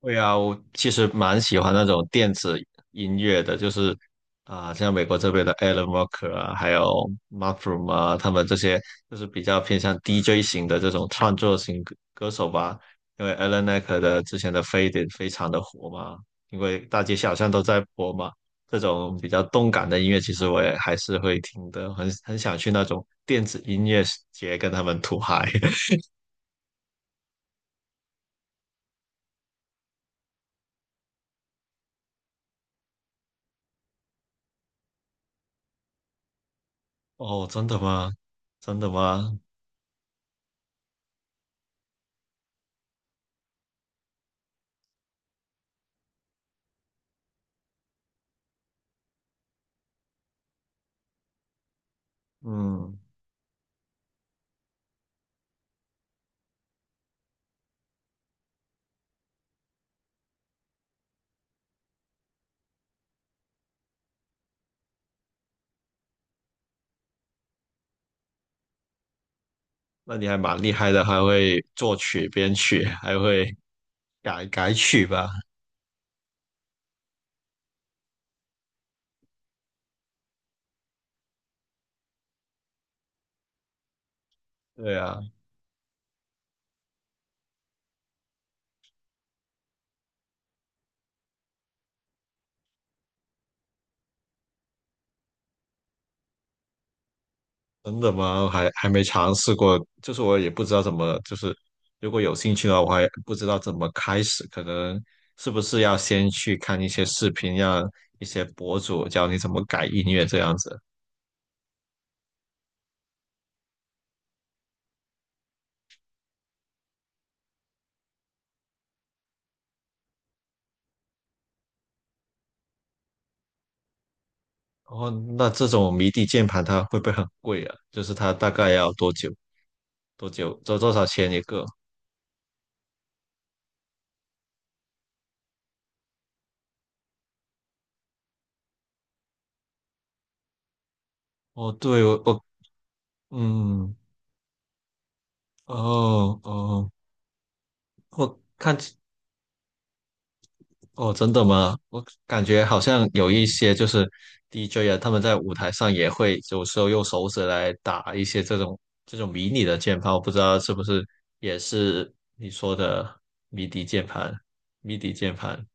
对啊，我其实蛮喜欢那种电子音乐的，就是像美国这边的 Alan Walker 啊，还有 m u s r o o m 啊，他们这些就是比较偏向 DJ 型的这种创作型歌手吧。因为 Alan Walker 的之前的《Faded》非常的火嘛，因为大街小巷都在播嘛。这种比较动感的音乐，其实我也还是会听的，很想去那种电子音乐节跟他们吐嗨。哦，真的吗？真的吗？嗯。那你还蛮厉害的，还会作曲、编曲，还会改曲吧？对啊，真的吗？还没尝试过，就是我也不知道怎么，就是如果有兴趣的话，我还不知道怎么开始，可能是不是要先去看一些视频，让一些博主教你怎么改音乐这样子。然后，那这种迷笛键盘它会不会很贵啊？就是它大概要多久？多久？多少钱一个？哦，对，我嗯。哦哦，我看起哦，真的吗？我感觉好像有一些就是 DJ 啊，他们在舞台上也会有时候用手指来打一些这种迷你的键盘，我不知道是不是也是你说的迷笛键盘、迷笛键盘。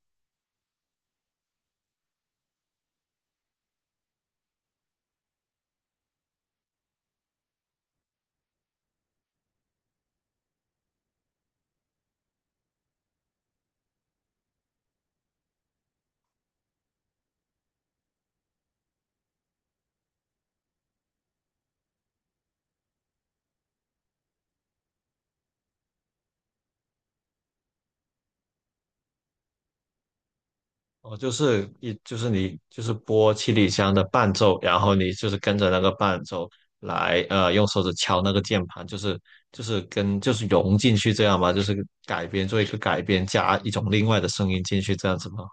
哦，就是你就是播七里香的伴奏，然后你就是跟着那个伴奏来，用手指敲那个键盘，就是就是跟就是融进去这样嘛，就是做一个改编，加一种另外的声音进去这样子吗？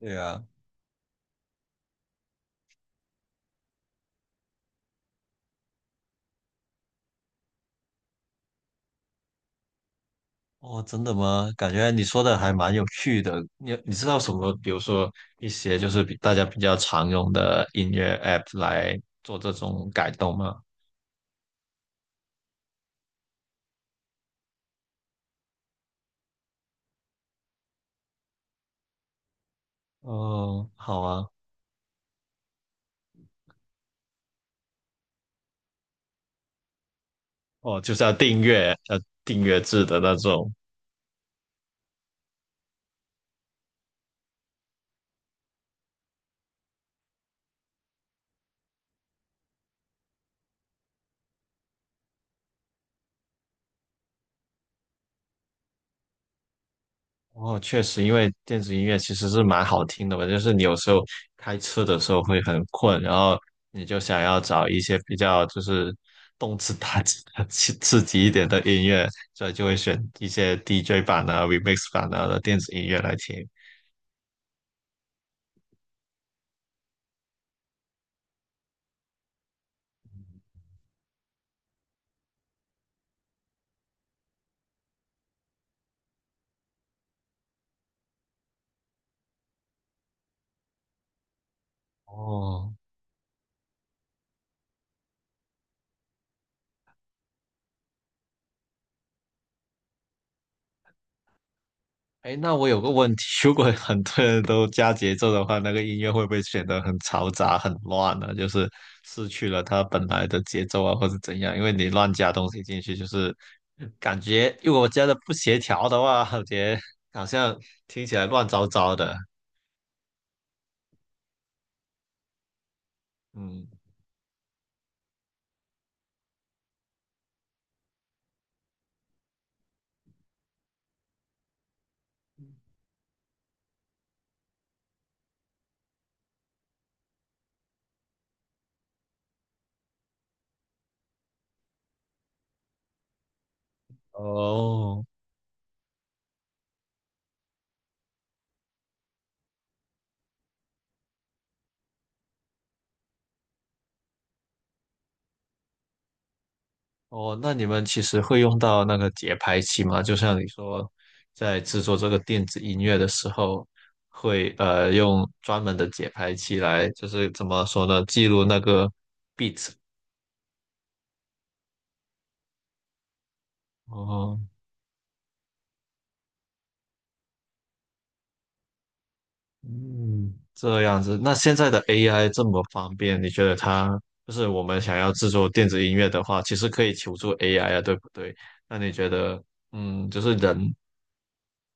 对啊，哦，真的吗？感觉你说的还蛮有趣的。你知道什么？比如说一些就是比大家比较常用的音乐 app 来做这种改动吗？哦，好啊。哦，就是要订阅，要订阅制的那种。哦，确实，因为电子音乐其实是蛮好听的嘛，就是你有时候开车的时候会很困，然后你就想要找一些比较就是动次打次的、刺激一点的音乐，所以就会选一些 DJ 版啊、remix 版啊的电子音乐来听。哦，哎，那我有个问题，如果很多人都加节奏的话，那个音乐会不会显得很嘈杂、很乱呢？就是失去了它本来的节奏啊，或者怎样？因为你乱加东西进去，就是感觉如果我加的不协调的话，感觉好像听起来乱糟糟的。嗯，哦，哦，那你们其实会用到那个节拍器吗？就像你说，在制作这个电子音乐的时候，会用专门的节拍器来，就是怎么说呢，记录那个 beat。哦，嗯，这样子。那现在的 AI 这么方便，你觉得它就是我们想要制作电子音乐的话，其实可以求助 AI 啊，对不对？那你觉得，嗯，就是人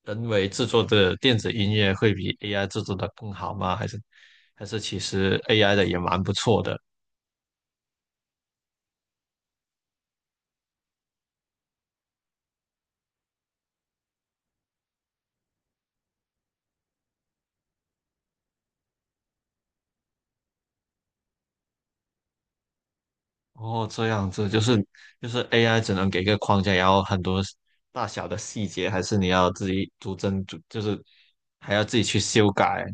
人为制作的电子音乐会比 AI 制作的更好吗？还是其实 AI 的也蛮不错的？哦，这样子就是 AI 只能给个框架，然后很多大小的细节还是你要自己逐帧逐，就是还要自己去修改。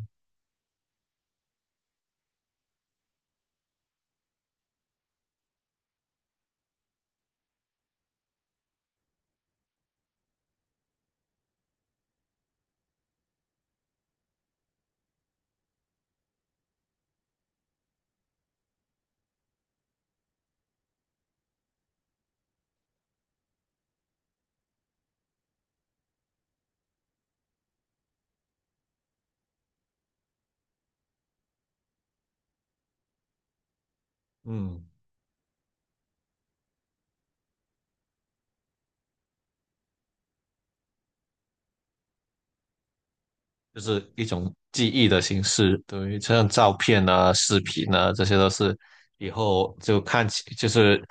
嗯，就是一种记忆的形式，等于像照片啊、视频啊，这些都是以后就看起，就是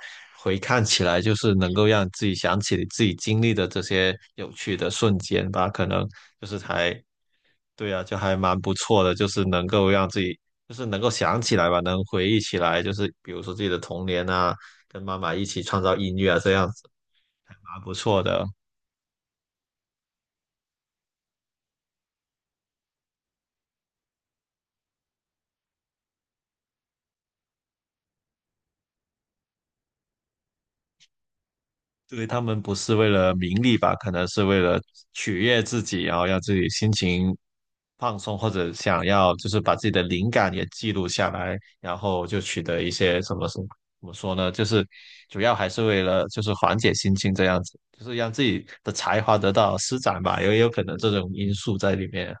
回看起来，就是能够让自己想起你自己经历的这些有趣的瞬间吧。可能就是还，对啊，就还蛮不错的，就是能够让自己，就是能够想起来吧，能回忆起来，就是比如说自己的童年啊，跟妈妈一起创造音乐啊，这样子还蛮不错的。对他们不是为了名利吧，可能是为了取悦自己，然后让自己心情放松，或者想要就是把自己的灵感也记录下来，然后就取得一些什么什么怎么说呢？就是主要还是为了就是缓解心情这样子，就是让自己的才华得到施展吧，也有可能这种因素在里面。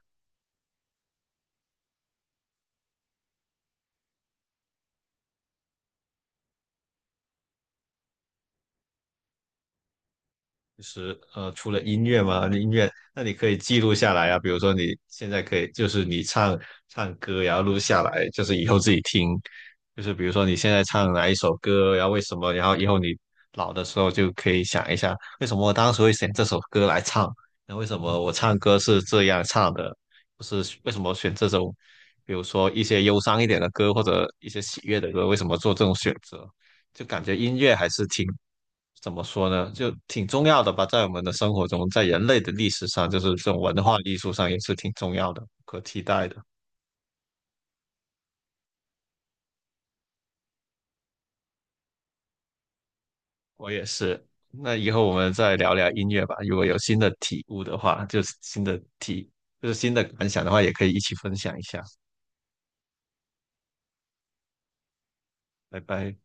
就是除了音乐嘛，音乐，那你可以记录下来啊。比如说你现在可以，就是你唱歌，然后录下来，就是以后自己听。就是比如说你现在唱哪一首歌，然后为什么，然后以后你老的时候就可以想一下，为什么我当时会选这首歌来唱，然后为什么我唱歌是这样唱的，不是为什么选这种，比如说一些忧伤一点的歌或者一些喜悦的歌，为什么做这种选择？就感觉音乐还是挺怎么说呢，就挺重要的吧，在我们的生活中，在人类的历史上，就是这种文化艺术上也是挺重要的，不可替代的。我也是。那以后我们再聊聊音乐吧，如果有新的体悟的话，就是新的体，就是新的感想的话，也可以一起分享一下。拜拜。